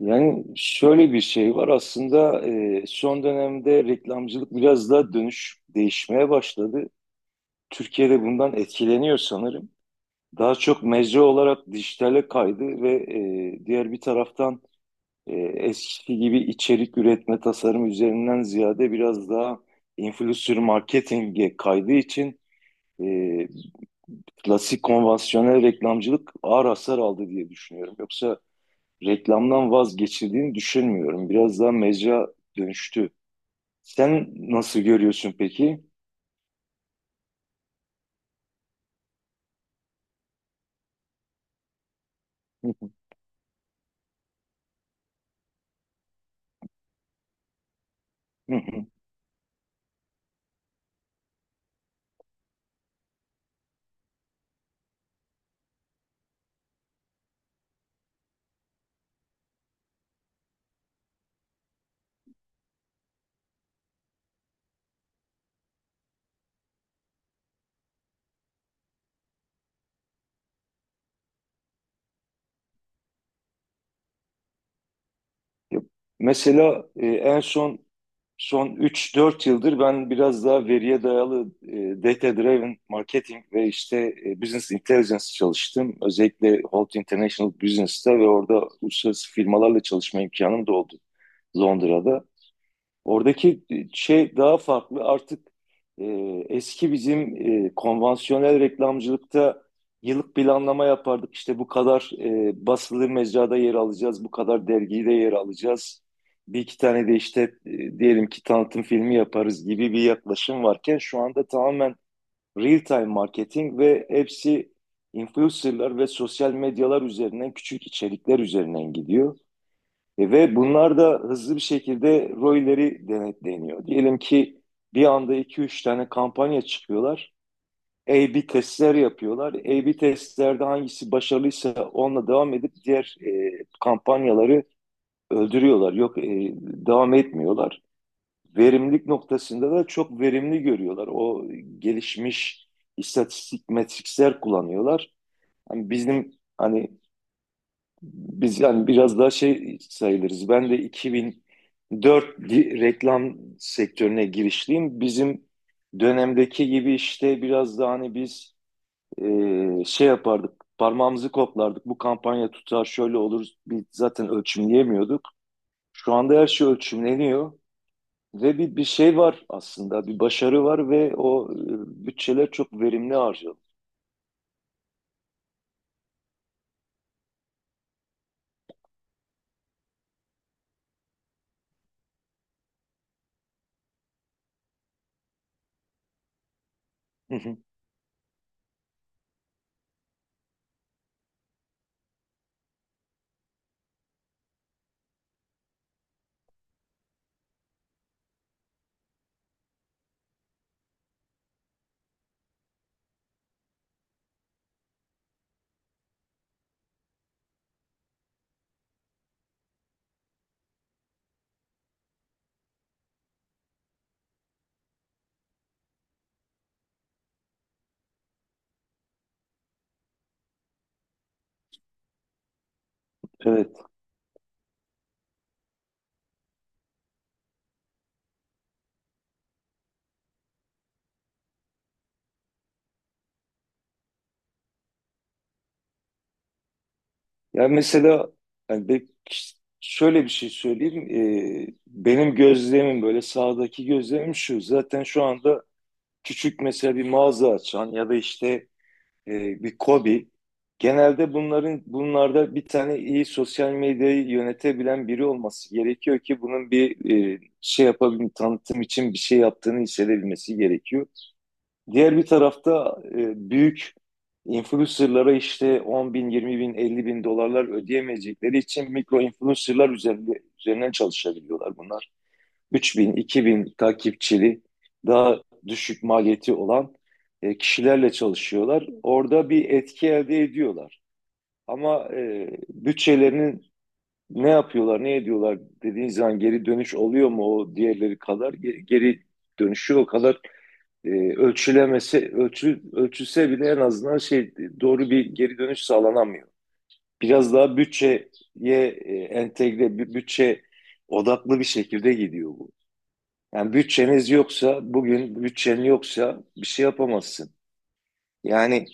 Yani şöyle bir şey var aslında, son dönemde reklamcılık biraz daha dönüş değişmeye başladı. Türkiye'de bundan etkileniyor sanırım. Daha çok mecra olarak dijitale kaydı ve diğer bir taraftan eskisi gibi içerik üretme tasarım üzerinden ziyade biraz daha influencer marketinge kaydığı için e, klasik konvansiyonel reklamcılık ağır hasar aldı diye düşünüyorum. Yoksa reklamdan vazgeçildiğini düşünmüyorum. Biraz daha mecra dönüştü. Sen nasıl görüyorsun peki? Hı hı, hı hı. Ya, mesela en son son üç dört yıldır ben biraz daha veriye dayalı data driven marketing ve işte business intelligence çalıştım. Özellikle Holt International Business'ta ve orada uluslararası firmalarla çalışma imkanım da oldu, Londra'da. Oradaki şey daha farklı. Artık e, eski bizim konvansiyonel reklamcılıkta yıllık planlama yapardık. İşte bu kadar basılı mecrada yer alacağız, bu kadar dergide yer alacağız. Bir iki tane de işte diyelim ki tanıtım filmi yaparız gibi bir yaklaşım varken şu anda tamamen real time marketing ve hepsi influencerlar ve sosyal medyalar üzerinden küçük içerikler üzerinden gidiyor. Ve bunlar da hızlı bir şekilde ROI'leri denetleniyor. Diyelim ki bir anda iki üç tane kampanya çıkıyorlar. A/B testler yapıyorlar. A/B testlerde hangisi başarılıysa onunla devam edip diğer kampanyaları öldürüyorlar. Yok, devam etmiyorlar. Verimlilik noktasında da çok verimli görüyorlar. O gelişmiş istatistik metrikler kullanıyorlar. Hani bizim, hani biz yani biraz daha şey sayılırız. Ben de 2004 reklam sektörüne girişliyim. Bizim dönemdeki gibi işte biraz daha hani biz şey yapardık, parmağımızı koplardık. Bu kampanya tutar, şöyle olur. Biz zaten ölçümleyemiyorduk. Şu anda her şey ölçümleniyor ve bir şey var aslında, bir başarı var ve o bütçeler çok verimli harcanıyor. Evet. Yani mesela, yani be- şöyle bir şey söyleyeyim. Benim gözlemim böyle, sağdaki gözlemim şu. Zaten şu anda küçük, mesela bir mağaza açan ya da işte bir KOBİ. Genelde bunlarda bir tane iyi sosyal medyayı yönetebilen biri olması gerekiyor ki bunun bir şey yapabilme, tanıtım için bir şey yaptığını hissedebilmesi gerekiyor. Diğer bir tarafta büyük influencerlara işte 10 bin, 20 bin, 50 bin dolarlar ödeyemeyecekleri için mikro influencerlar üzerinden çalışabiliyorlar bunlar. 3 bin, 2 bin takipçili daha düşük maliyeti olan kişilerle çalışıyorlar. Orada bir etki elde ediyorlar. Ama bütçelerinin ne yapıyorlar, ne ediyorlar dediğin zaman geri dönüş oluyor mu o diğerleri kadar? Geri dönüşü o kadar ölçülse bile en azından şey, doğru bir geri dönüş sağlanamıyor. Biraz daha bütçeye, entegre bütçe odaklı bir şekilde gidiyor bu. Yani bütçeniz yoksa bugün bütçen yoksa bir şey yapamazsın. Yani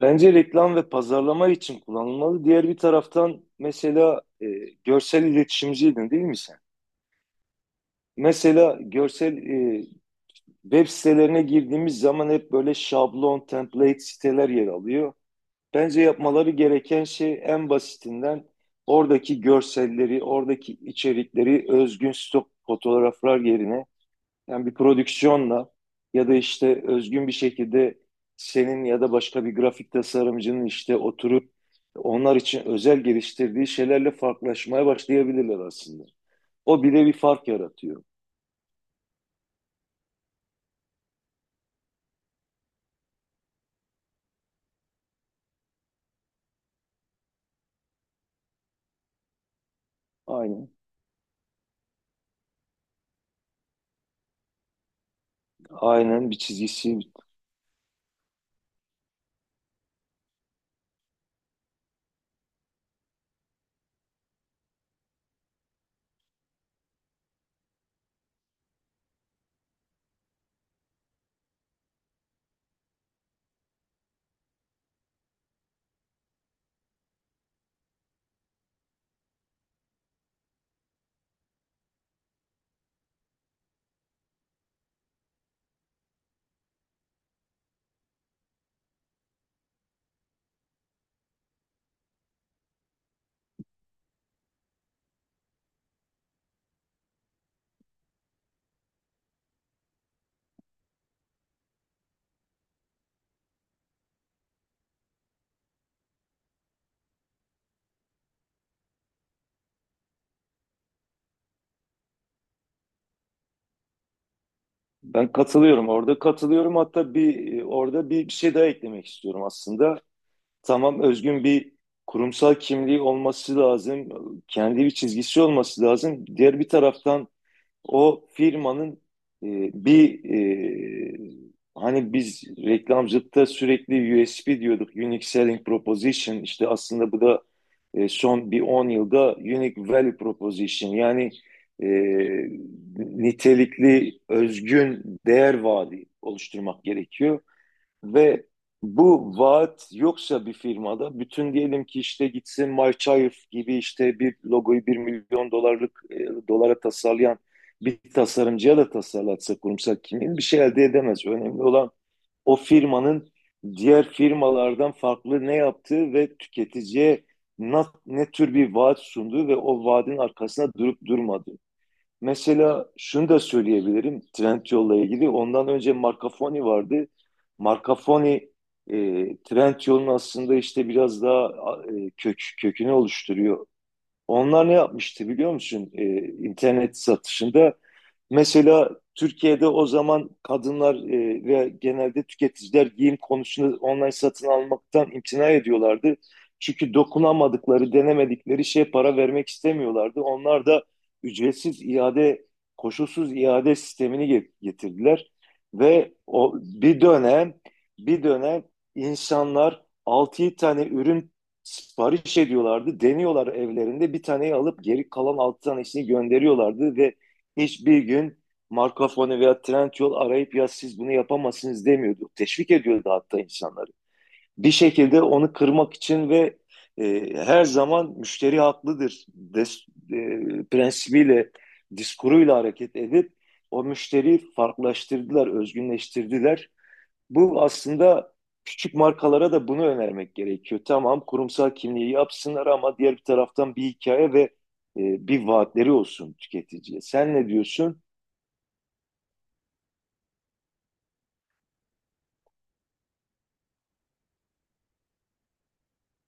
bence reklam ve pazarlama için kullanılmalı. Diğer bir taraftan, mesela, görsel iletişimciydin değil mi sen? Mesela görsel, web sitelerine girdiğimiz zaman hep böyle şablon, template siteler yer alıyor. Bence yapmaları gereken şey, en basitinden, oradaki görselleri, oradaki içerikleri özgün stok fotoğraflar yerine yani bir prodüksiyonla ya da işte özgün bir şekilde senin ya da başka bir grafik tasarımcının işte oturup onlar için özel geliştirdiği şeylerle farklılaşmaya başlayabilirler aslında. O bile bir fark yaratıyor. Aynen. Aynen, bir çizgisi. Ben katılıyorum, orada katılıyorum. Hatta orada bir şey daha eklemek istiyorum aslında. Tamam, özgün bir kurumsal kimliği olması lazım. Kendi bir çizgisi olması lazım. Diğer bir taraftan o firmanın, e, bir e, hani biz reklamcılıkta sürekli USP diyorduk. Unique Selling Proposition. İşte aslında bu da son bir 10 yılda Unique Value Proposition. Yani e, nitelikli, özgün değer vaadi oluşturmak gerekiyor. Ve bu vaat yoksa bir firmada, bütün, diyelim ki işte gitsin Marçayev gibi işte bir logoyu 1 milyon dolara tasarlayan bir tasarımcıya da tasarlatsa, kurumsal kimliğini bir şey elde edemez. Önemli olan o firmanın diğer firmalardan farklı ne yaptığı ve tüketiciye ne tür bir vaat sunduğu ve o vaadin arkasında durup durmadığı. Mesela şunu da söyleyebilirim Trendyol'la ilgili. Ondan önce Marcafoni vardı. Marcafoni e, Trendyol'un aslında işte biraz daha kökünü oluşturuyor. Onlar ne yapmıştı biliyor musun? E, internet satışında, mesela Türkiye'de o zaman kadınlar ve genelde tüketiciler giyim konusunda online satın almaktan imtina ediyorlardı. Çünkü dokunamadıkları, denemedikleri şeye para vermek istemiyorlardı. Onlar da ücretsiz iade, koşulsuz iade sistemini getirdiler. Ve o bir dönem insanlar 6 tane ürün sipariş ediyorlardı. Deniyorlar evlerinde. Bir taneyi alıp geri kalan 6 tanesini gönderiyorlardı ve hiçbir gün Marco Polo veya Trendyol arayıp, ya siz bunu yapamazsınız, demiyordu. Teşvik ediyordu hatta insanları. Bir şekilde onu kırmak için ve her zaman müşteri haklıdır e, prensibiyle, diskuruyla hareket edip o müşteriyi farklılaştırdılar, özgünleştirdiler. Bu aslında küçük markalara da bunu önermek gerekiyor. Tamam, kurumsal kimliği yapsınlar, ama diğer bir taraftan bir hikaye ve bir vaatleri olsun tüketiciye. Sen ne diyorsun?